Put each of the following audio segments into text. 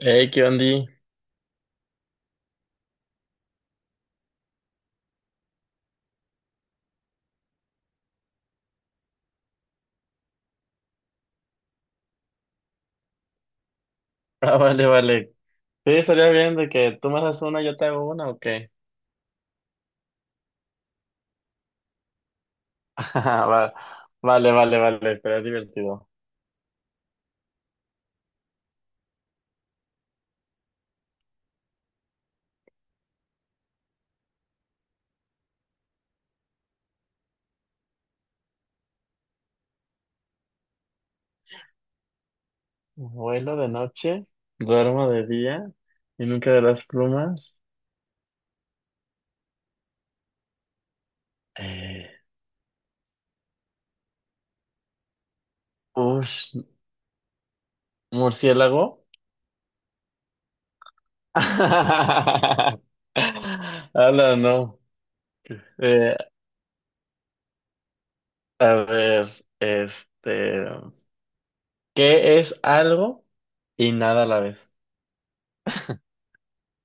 Hey, ¿qué onda? Ah, vale, vale. Sí, estaría bien de que tú me haces una y yo te hago una, ¿o qué? Ah, va- vale, vale, vale, estaría divertido. Vuelo de noche, duermo de día y nunca verás plumas. Eh, ush, murciélago. Ala, no. Eh, a ver, este, ¿qué es algo y nada a la vez?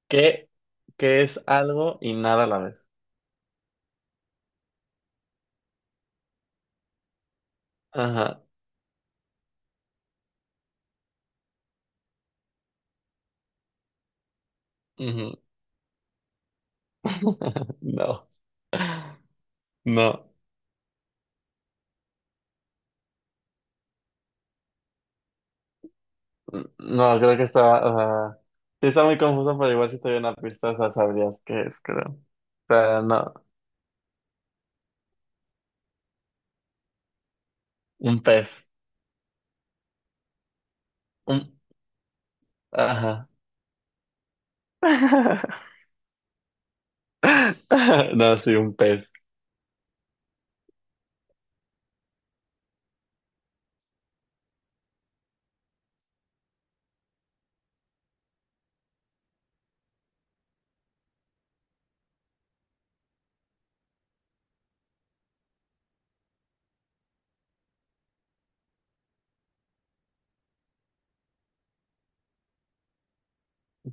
¿Qué, ¿qué es algo y nada a la vez? Ajá. Ujú. No, no, no, creo que está, o sea, sí está muy confuso, pero igual si te doy una pista, o sea, sabrías qué es, creo. O sea, no, un pez, un, ajá. No, sí, un pez.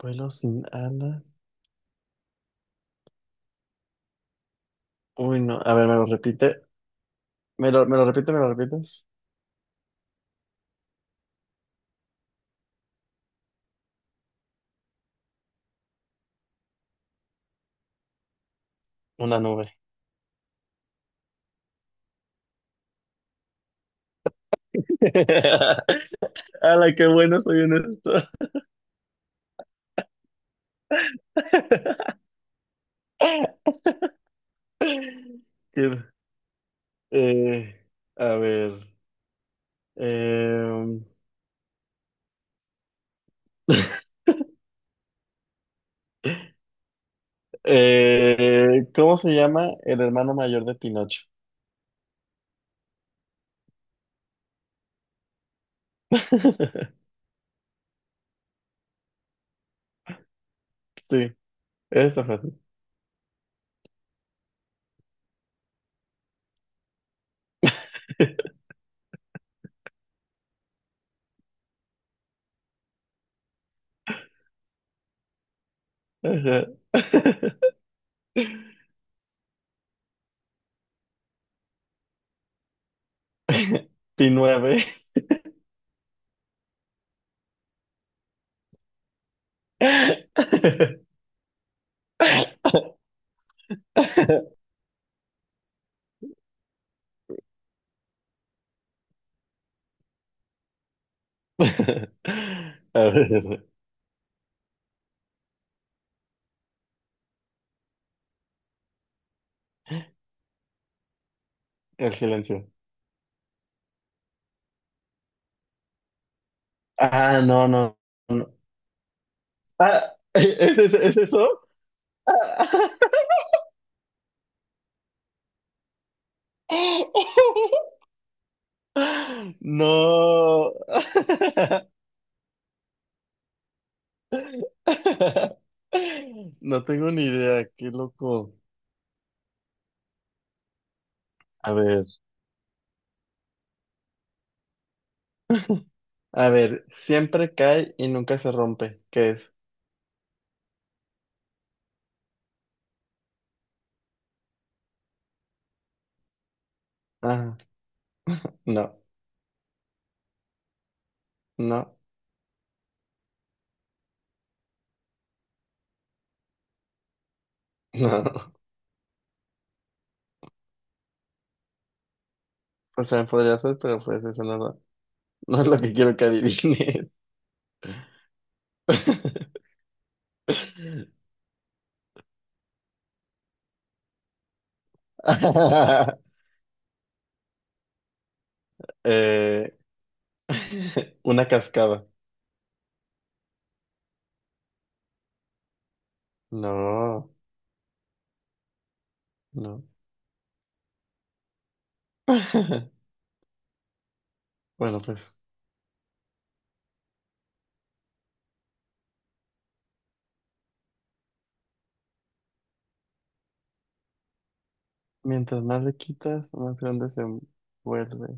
Vuelo sin alas. Uy, no, a ver, me lo repite, me lo repite, me lo repites. Una nube. ¡Hala, qué bueno soy en esto! Qué- eh, a ver. Eh, ¿cómo se llama el hermano mayor de Pinocho? Sí, eso fue así. Ajá. Pinueve. A ver, el silencio. Ah, no, no, no. Ah, ¿es eso? No. No tengo ni idea, qué loco. A ver, a ver, siempre cae y nunca se rompe. ¿Qué es? Ah, no, no, no. O sea, podría ser, pero pues eso no, lo- no es lo que quiero que adivines. Eh, una cascada. No, no. Bueno, pues mientras más le quitas, más grande se vuelve.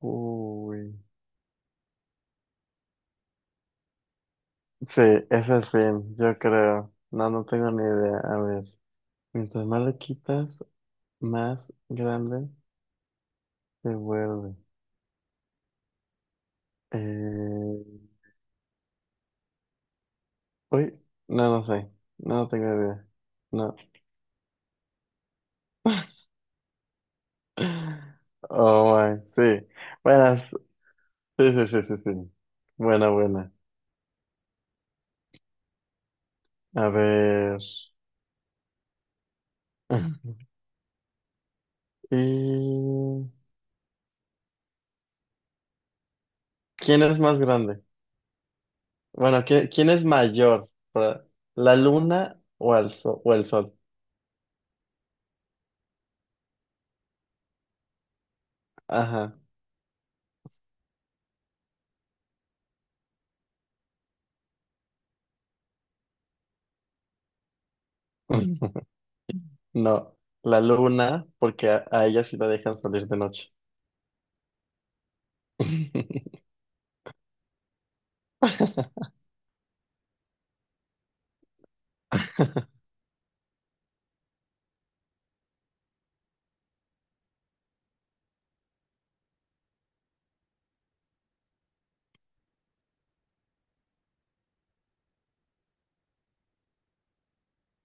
Uy. Sí, ese es el fin, yo creo. No, no tengo ni idea. A ver, mientras más le quitas, más grande se vuelve. Eh... Uy, no, no sé. No, no tengo idea. No. Oh, my, sí. Buenas. Sí, sí, sí, sí, sí. Buena, buena. A ver. ¿Y quién es más grande? Bueno, ¿quién es mayor? Para- ¿la luna o el sol? O el sol. Ajá. No, la luna, porque a ella sí la dejan salir de noche.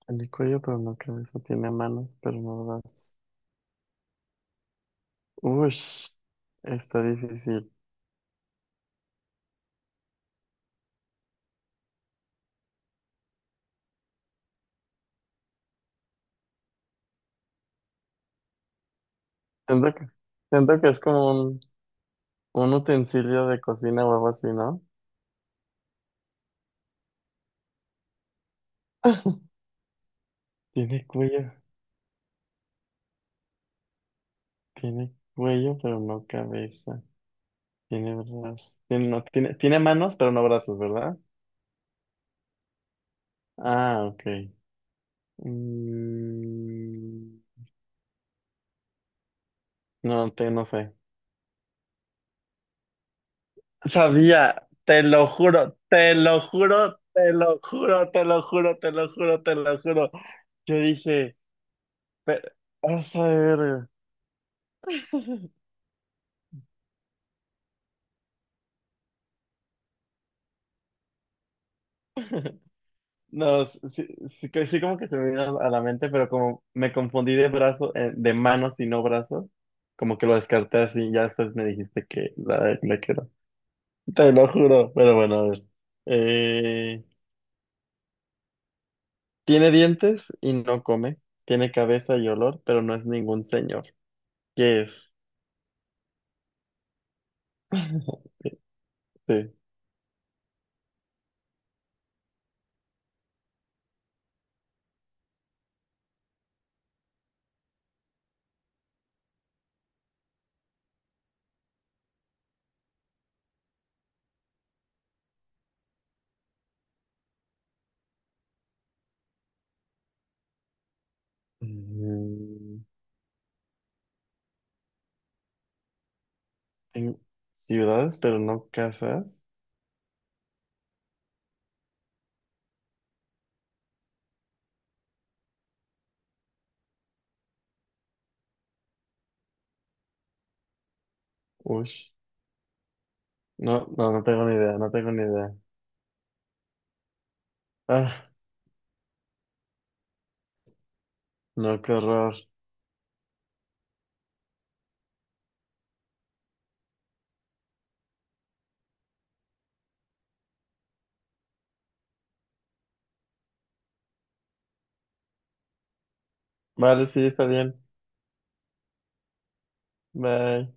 El cuello, pero no cabeza, tiene manos, pero no brazos. Ush, está difícil. Siento que, siento que es como un utensilio de cocina o algo así, ¿no? Tiene cuello, tiene cuello, pero no cabeza. Tiene brazos. Tiene manos, pero no brazos, ¿verdad? Ah, ok. Mm, no sé. Sabía, te lo juro, te lo juro, te lo juro, te lo juro, te lo juro, te lo juro. Yo dije, pero, a ver. No, sí, sí, que- sí como que se me vino a la mente, pero como me confundí de brazo, de manos y no brazos, como que lo descarté así, ya después me dijiste que la que era. Te lo juro, pero bueno, a ver. Eh, tiene dientes y no come, tiene cabeza y olor, pero no es ningún señor. ¿Qué es? Sí. Mm, tengo ciudades, pero no casas. Ush. No, no, no tengo ni idea, no tengo ni idea. Ah, no, qué horror. Vale, sí, está bien. Bye.